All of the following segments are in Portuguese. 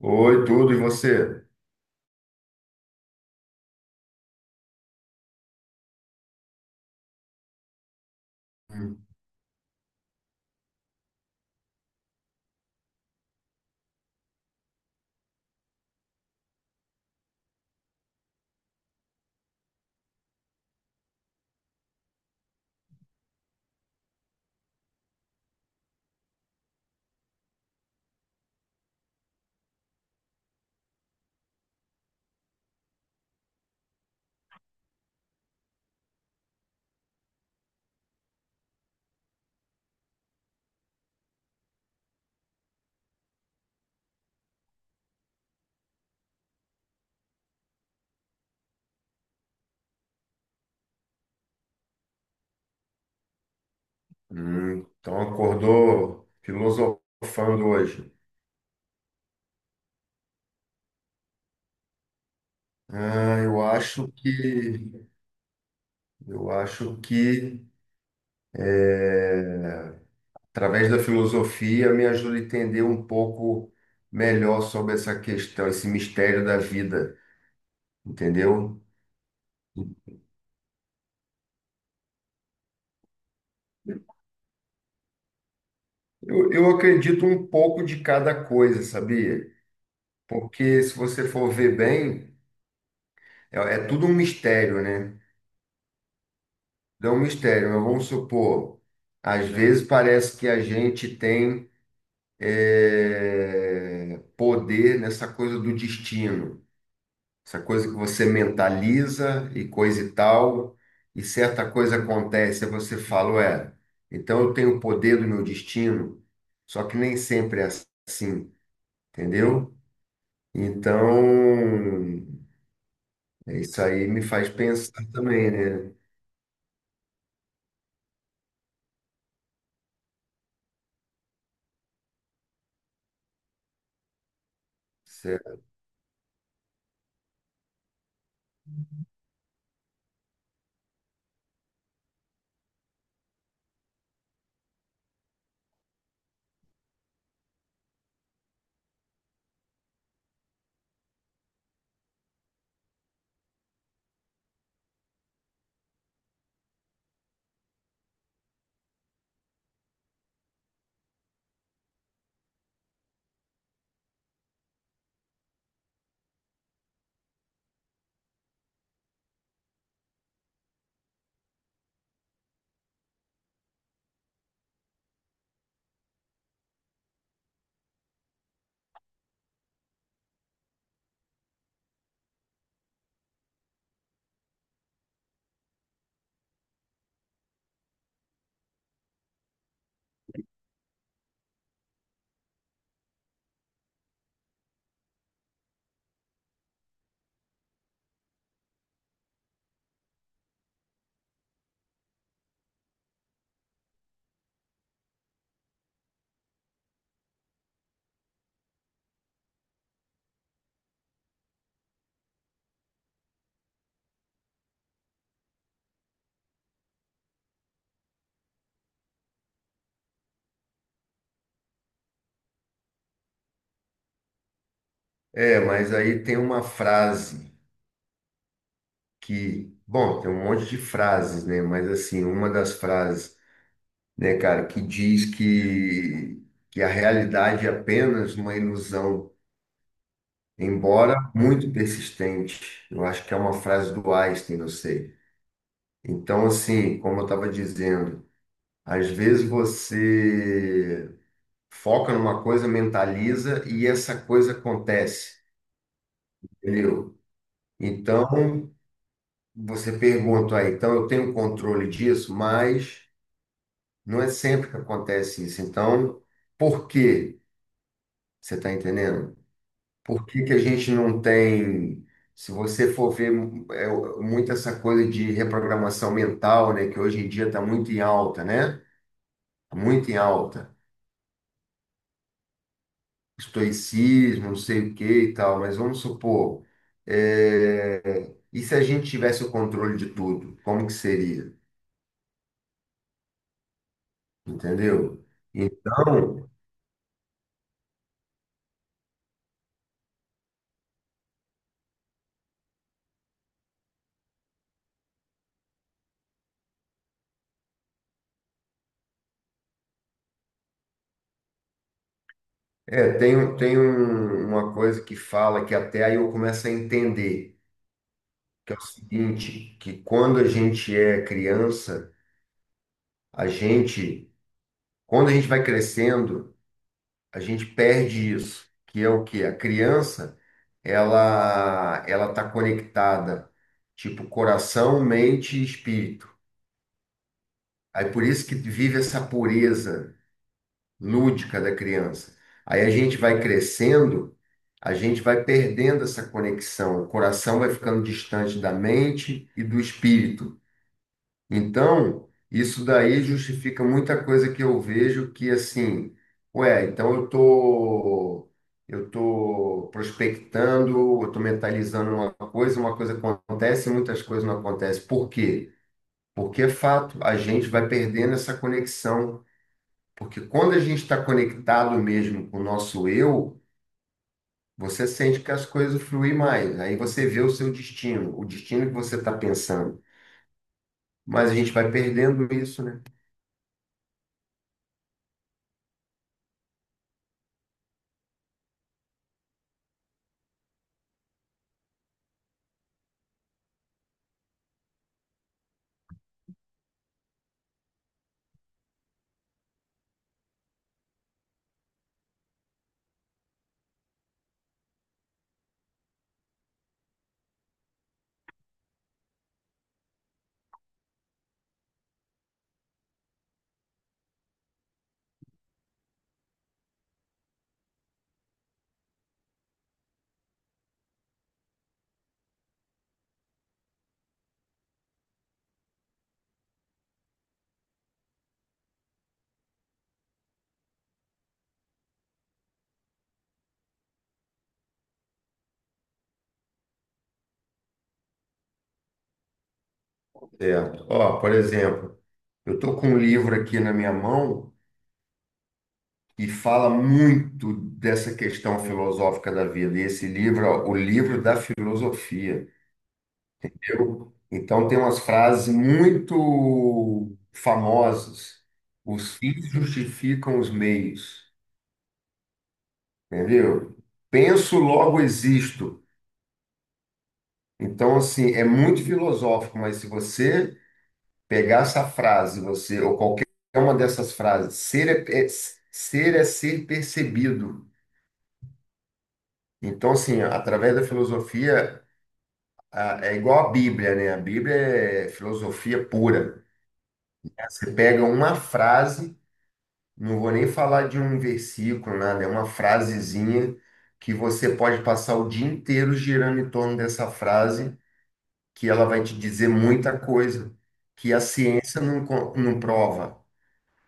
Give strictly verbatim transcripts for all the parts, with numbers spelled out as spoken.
Oi, tudo, e você? Hum, hum, então acordou filosofando hoje. Ah, eu acho que eu acho que eh, através da filosofia me ajuda a entender um pouco melhor sobre essa questão, esse mistério da vida, entendeu? Eu, eu acredito um pouco de cada coisa, sabia? Porque se você for ver bem, é é tudo um mistério, né? Não é um mistério, mas vamos supor, às É. vezes parece que a gente tem eh, poder nessa coisa do destino, essa coisa que você mentaliza e coisa e tal, e certa coisa acontece, aí você fala, ué, então eu tenho o poder do meu destino, só que nem sempre é assim, entendeu? Então, é, isso aí me faz pensar também, né? Cê- É, mas aí tem uma frase que, bom, tem um monte de frases, né? Mas assim, uma das frases, né, cara, que diz que, que a realidade é apenas uma ilusão, embora muito persistente. Eu acho que é uma frase do Einstein, não sei. Então, assim, como eu estava dizendo, às vezes você foca numa coisa, mentaliza e essa coisa acontece, entendeu? Então, você pergunta aí, então eu tenho controle disso, mas não é sempre que acontece isso. Então, por quê? Você está entendendo? Por que que a gente não tem, se você for ver é, muito essa coisa de reprogramação mental, né, que hoje em dia está muito em alta, né? Tá muito em alta. Estoicismo, não sei o que e tal, mas vamos supor, é, e se a gente tivesse o controle de tudo, como que seria? Entendeu? Então, é, tem, um- tem um- uma coisa que fala que até aí eu começo a entender, que é o seguinte, que quando a gente é criança, a gente, quando a gente vai crescendo, a gente perde isso, que é o quê? A criança, ela ela tá conectada, tipo, coração, mente e espírito. Aí por isso que vive essa pureza lúdica da criança. Aí a gente vai crescendo, a gente vai perdendo essa conexão, o coração vai ficando distante da mente e do espírito. Então, isso daí justifica muita coisa que eu vejo que assim, ué, então eu tô eu tô prospectando, eu tô mentalizando uma coisa, uma coisa acontece, muitas coisas não acontecem. Por quê? Porque é fato, a gente vai perdendo essa conexão. Porque quando a gente está conectado mesmo com o nosso eu, você sente que as coisas fluem mais. Aí você vê o seu destino, o destino que você está pensando. Mas a gente vai perdendo isso, né? Certo. Ó, por exemplo, eu estou com um livro aqui na minha mão que fala muito dessa questão filosófica da vida. E esse livro, ó, o livro da filosofia. Eu, então tem umas frases muito famosas. Os fins justificam os meios, entendeu? Penso, logo existo. Então, assim, é muito filosófico, mas se você pegar essa frase, você, ou qualquer uma dessas frases, ser é, é- ser é ser percebido. Então, assim, através da filosofia, a- é igual a Bíblia, né? A Bíblia é filosofia pura. Você pega uma frase, não vou nem falar de um versículo, nada, é uma frasezinha que você pode passar o dia inteiro girando em torno dessa frase que ela vai te dizer muita coisa que a ciência não, co- não prova.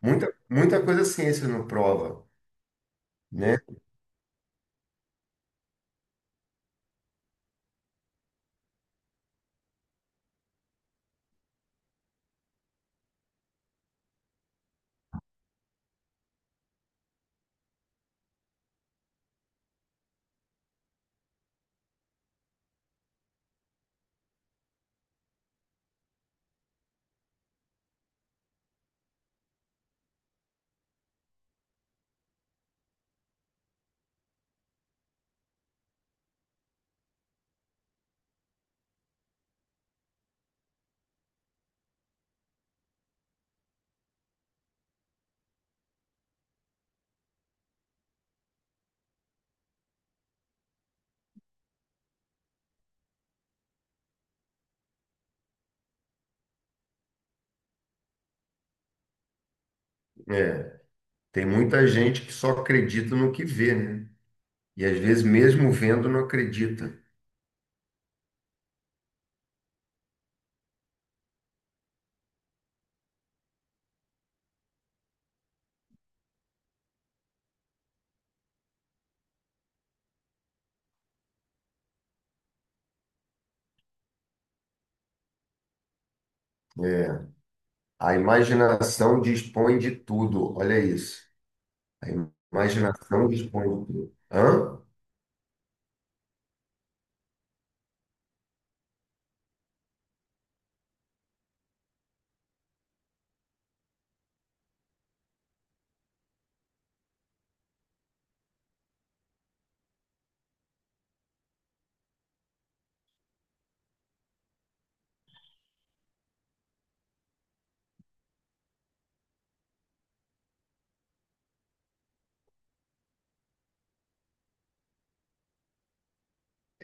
Muita, muita coisa a ciência não prova, né? É, tem muita gente que só acredita no que vê, né? E às vezes, mesmo vendo, não acredita. É, a imaginação dispõe de tudo, olha isso. A imaginação dispõe de tudo. Hã?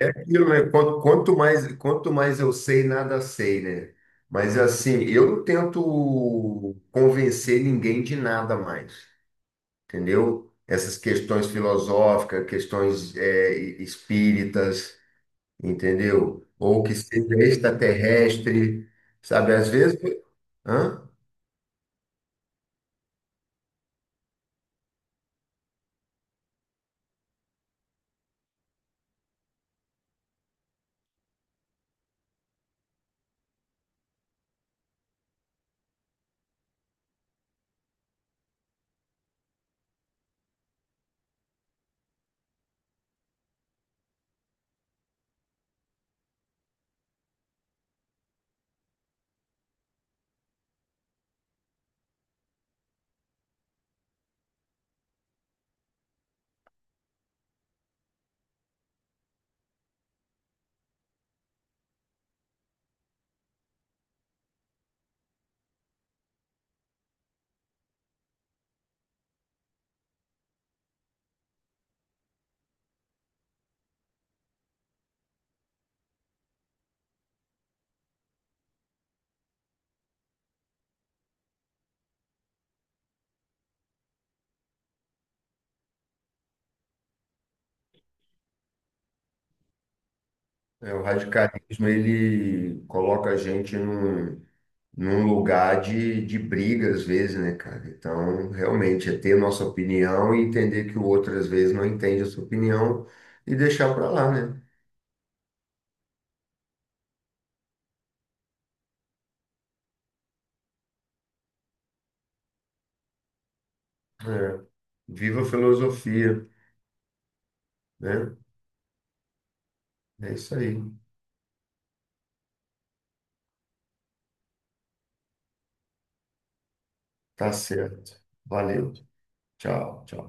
Aquilo, né? Quanto, quanto mais, quanto mais eu sei, nada sei, né? Mas assim, eu não tento convencer ninguém de nada mais. Entendeu? Essas questões filosóficas, questões é, e- espíritas, entendeu? Ou que seja extraterrestre, sabe? Às vezes, hã? É, o radicalismo ele coloca a gente num, num lugar de, de briga, às vezes, né, cara? Então, realmente, é ter nossa opinião e entender que o outro, às vezes, não entende a sua opinião e deixar para lá, né? É. Viva a filosofia, né? É isso aí. Tá certo. Valeu. Tchau, tchau.